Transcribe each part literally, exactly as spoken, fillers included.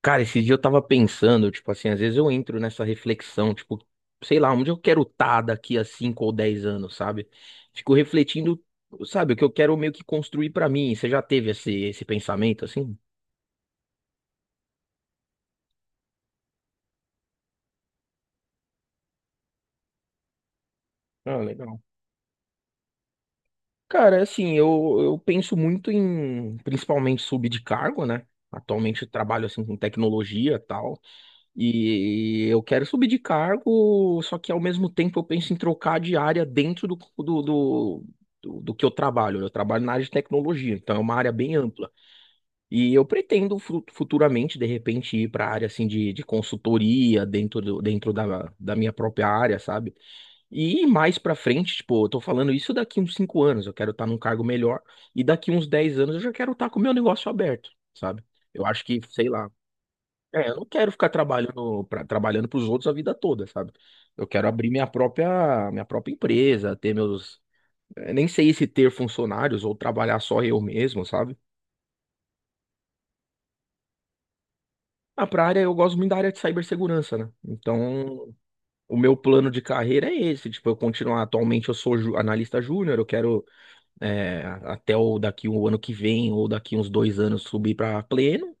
Cara, esses dias eu tava pensando, tipo assim, às vezes eu entro nessa reflexão, tipo, sei lá, onde eu quero estar daqui a cinco ou dez anos, sabe? Fico refletindo, sabe, o que eu quero meio que construir pra mim. Você já teve esse, esse pensamento, assim? Ah, legal. Cara, assim, eu, eu penso muito em, principalmente, subir de cargo, né? Atualmente eu trabalho, assim, com tecnologia e tal. E eu quero subir de cargo, só que ao mesmo tempo eu penso em trocar de área dentro do, do, do, do- do que eu trabalho. Eu trabalho na área de tecnologia, então é uma área bem ampla. E eu pretendo fu- futuramente, de repente, ir para a área assim, de, de consultoria dentro, do- dentro da, da minha própria área, sabe? E mais para frente, tipo, eu tô falando isso daqui uns cinco anos, eu quero estar num cargo melhor, e daqui uns dez anos eu já quero estar com o meu negócio aberto, sabe? Eu acho que, sei lá. É, eu não quero ficar trabalhando para trabalhando para os outros a vida toda, sabe? Eu quero abrir minha própria minha própria empresa, ter meus eh, nem sei se ter funcionários ou trabalhar só eu mesmo, sabe? Ah, pra área eu gosto muito da área de cibersegurança, né? Então, o meu plano de carreira é esse, tipo, eu continuar atualmente eu sou ju- analista júnior, eu quero eh, até o daqui o ano que vem ou daqui uns dois anos subir para pleno,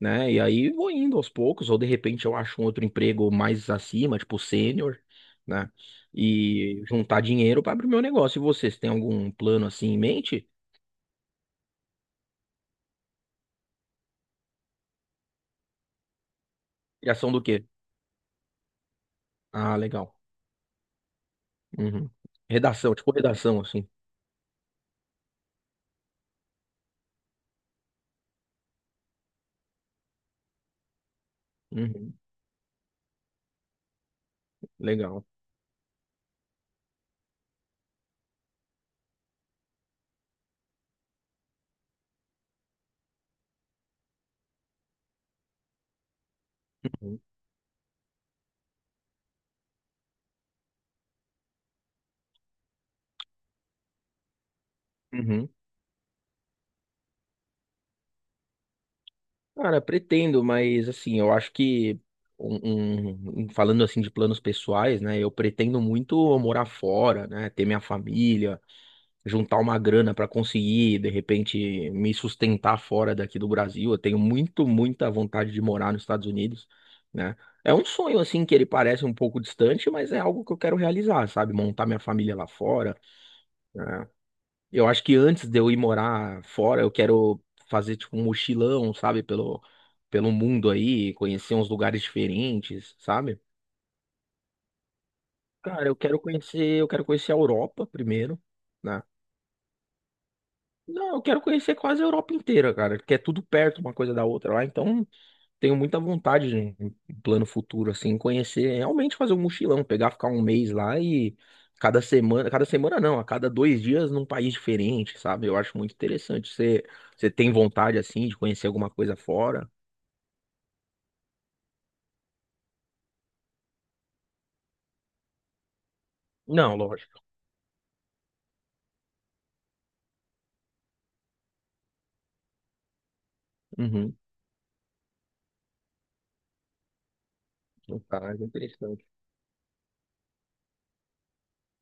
né? E aí vou indo aos poucos, ou de repente eu acho um outro emprego mais acima, tipo sênior, né? E juntar dinheiro para abrir meu negócio. E vocês têm algum plano assim em mente? Criação do quê? Ah, legal. Uhum. Redação, tipo redação, assim. Uhum. Legal. Uhum. Uhum. Cara, pretendo, mas assim, eu acho que um, um- falando assim de planos pessoais, né? Eu pretendo muito morar fora, né? Ter minha família, juntar uma grana para conseguir, de repente, me sustentar fora daqui do Brasil. Eu tenho muito, muita vontade de morar nos Estados Unidos, né? É um sonho, assim, que ele parece um pouco distante, mas é algo que eu quero realizar, sabe? Montar minha família lá fora, né? Eu acho que antes de eu ir morar fora, eu quero fazer, tipo, um mochilão, sabe? Pelo, pelo mundo aí, conhecer uns lugares diferentes, sabe? Cara, eu quero conhecer, eu quero conhecer a Europa primeiro, né? Não, eu quero conhecer quase a Europa inteira, cara, que é tudo perto uma coisa da outra lá, então tenho muita vontade de um um plano futuro assim, conhecer, realmente fazer um mochilão, pegar, ficar um mês lá e cada semana, cada semana não, a cada dois dias num país diferente, sabe? Eu acho muito interessante. Você, você tem vontade assim de conhecer alguma coisa fora? Não, lógico. Uhum. Vontade, interessante.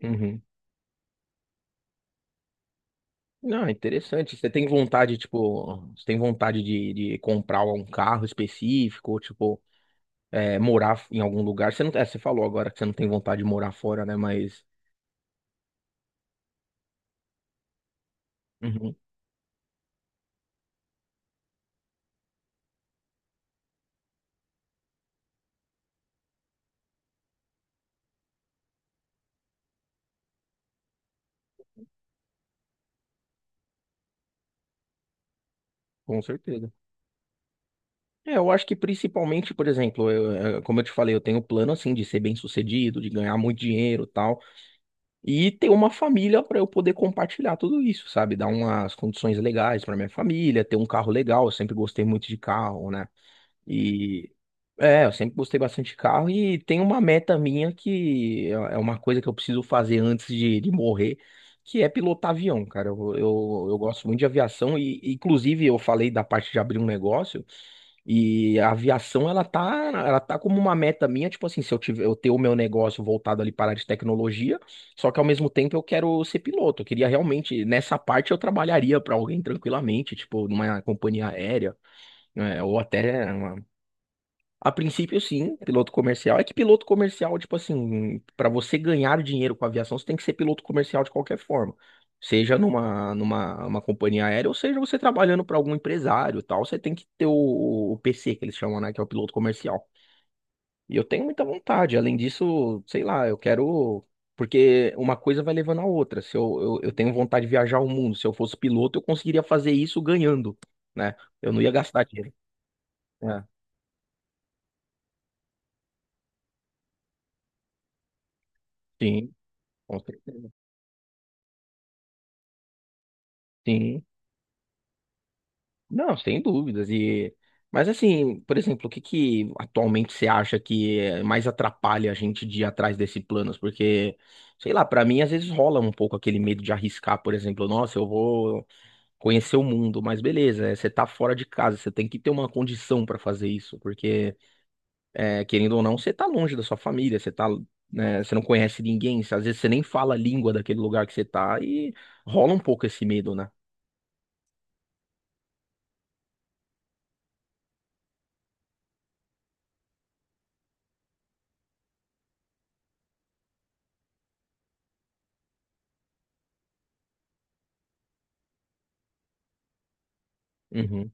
Uhum. Não, é interessante. Você tem vontade, tipo, você tem vontade de, de comprar um carro específico, tipo é, morar em algum lugar. Você não, é, você falou agora que você não tem vontade de morar fora, né? Mas, Uhum, com certeza. É, eu acho que principalmente, por exemplo, eu- eu- como eu te falei, eu tenho o plano assim de ser bem-sucedido, de ganhar muito dinheiro, e tal, e ter uma família para eu poder compartilhar tudo isso, sabe? Dar umas condições legais para minha família, ter um carro legal. Eu sempre gostei muito de carro, né? E é, eu sempre gostei bastante de carro e tem uma meta minha que é é uma coisa que eu preciso fazer antes de, de morrer, que é pilotar avião, cara. Eu, eu, eu gosto muito de aviação e, inclusive, eu falei da parte de abrir um negócio e a aviação, ela tá, ela tá como uma meta minha, tipo assim, se eu tiver, eu ter o meu negócio voltado ali para a área de tecnologia, só que ao mesmo tempo eu quero ser piloto. Eu queria realmente, nessa parte eu trabalharia para alguém tranquilamente, tipo, numa companhia aérea, né, ou até a princípio, sim, piloto comercial. É que piloto comercial, tipo assim, para você ganhar dinheiro com a aviação, você tem que ser piloto comercial de qualquer forma. Seja numa, numa uma companhia aérea, ou seja você trabalhando para algum empresário e tal, você tem que ter o, o P C, que eles chamam, né, que é o piloto comercial. E eu tenho muita vontade. Além disso, sei lá, eu quero. Porque uma coisa vai levando a outra. Se eu, eu, eu tenho vontade de viajar o mundo, se eu fosse piloto, eu conseguiria fazer isso ganhando, né? Eu não ia gastar dinheiro. É. Sim, com certeza. Sim. Não, sem dúvidas. E mas assim, por exemplo, o que que atualmente você acha que eh, mais atrapalha a gente de ir atrás desses planos? Porque, sei lá, pra mim às vezes rola um pouco aquele medo de arriscar, por exemplo, nossa, eu vou conhecer o mundo, mas beleza, eh, você tá fora de casa, você tem que ter uma condição pra fazer isso, porque eh, querendo ou não, você tá longe da sua família, você tá, né, você não conhece ninguém, às vezes você nem fala a língua daquele lugar que você tá e rola um pouco esse medo, né? Uhum,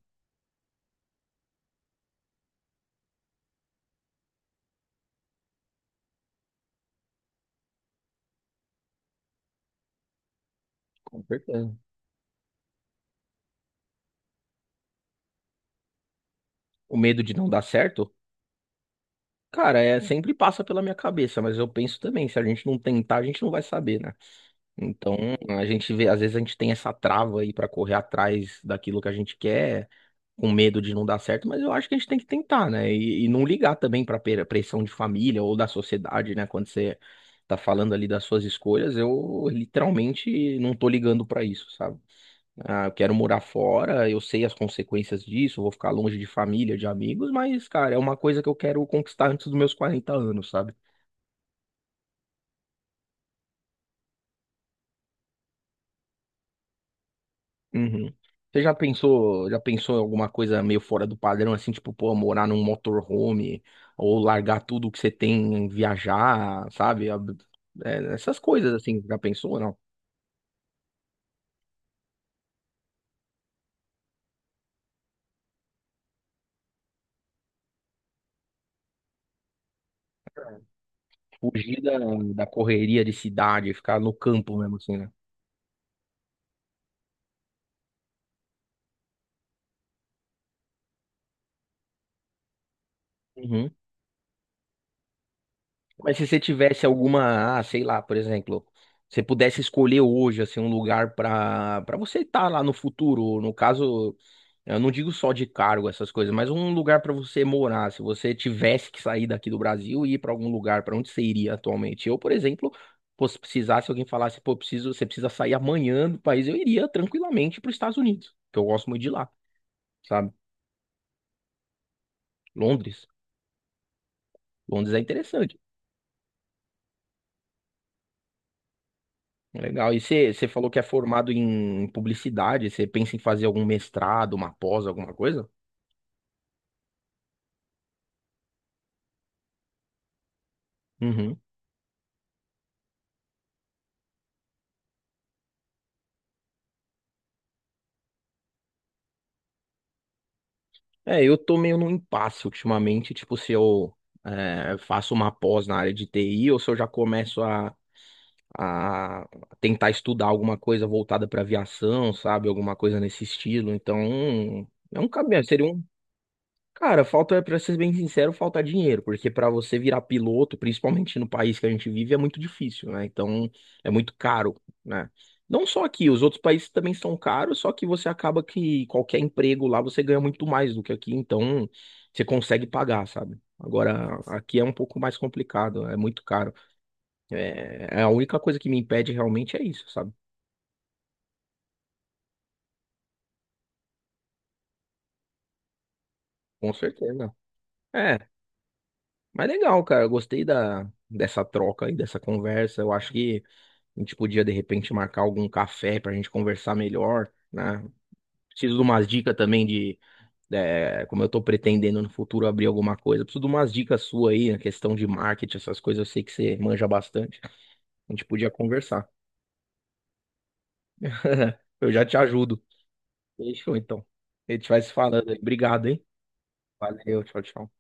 com certeza. O medo de não dar certo? Cara, é, sempre passa pela minha cabeça, mas eu penso também, se a gente não tentar, a gente não vai saber, né? Então, a gente vê, às vezes a gente tem essa trava aí pra correr atrás daquilo que a gente quer, com medo de não dar certo, mas eu acho que a gente tem que tentar, né? E, e não ligar também pra pre- pressão de família ou da sociedade, né? Quando você tá falando ali das suas escolhas, eu literalmente não tô ligando pra isso, sabe? Ah, eu quero morar fora, eu sei as consequências disso, eu vou ficar longe de família, de amigos, mas, cara, é uma coisa que eu quero conquistar antes dos meus quarenta anos, sabe? Uhum. Você já pensou, já pensou em alguma coisa meio fora do padrão, assim, tipo, pô, morar num motorhome, ou largar tudo que você tem, viajar, sabe? Ab- é, essas coisas, assim, já pensou, ou não? Fugir da, da correria de cidade, ficar no campo mesmo, assim, né? Uhum. Mas se você tivesse alguma, ah, sei lá, por exemplo, você pudesse escolher hoje assim um lugar para para você estar lá no futuro, no caso, eu não digo só de cargo essas coisas, mas um lugar para você morar, se você tivesse que sair daqui do Brasil e ir para algum lugar, para onde você iria atualmente? Eu, por exemplo, pô, se precisasse alguém falasse, pô, preciso, você precisa sair amanhã do país, eu iria tranquilamente para os Estados Unidos, que eu gosto muito de lá, sabe? Londres, Londres é interessante. Legal. E você, você falou que é formado em publicidade, você pensa em fazer algum mestrado, uma pós, alguma coisa? Uhum. É, eu tô meio num impasse ultimamente, tipo, se eu é, faço uma pós na área de T I ou se eu já começo a, a, tentar estudar alguma coisa voltada para aviação, sabe? Alguma coisa nesse estilo. Então, é um caminho, seria um Cara, falta, pra ser bem sincero, falta dinheiro, porque pra você virar piloto, principalmente no país que a gente vive, é muito difícil, né? Então, é muito caro, né? Não só aqui, os outros países também são caros, só que você acaba que qualquer emprego lá você ganha muito mais do que aqui, então você consegue pagar, sabe? Agora, aqui é um pouco mais complicado, é muito caro. É, é a única coisa que me impede realmente é isso, sabe? Com certeza. É, mas legal, cara, eu gostei da, dessa troca aí, dessa conversa, eu acho que. A gente podia, de repente, marcar algum café pra gente conversar melhor, né? Preciso de umas dicas também de, é, como eu tô pretendendo no futuro abrir alguma coisa. Preciso de umas dicas suas aí, na questão de marketing, essas coisas, eu sei que você manja bastante. A gente podia conversar. Eu já te ajudo. Fechou, então. A gente vai se falando aí. Obrigado, hein? Valeu, tchau, tchau.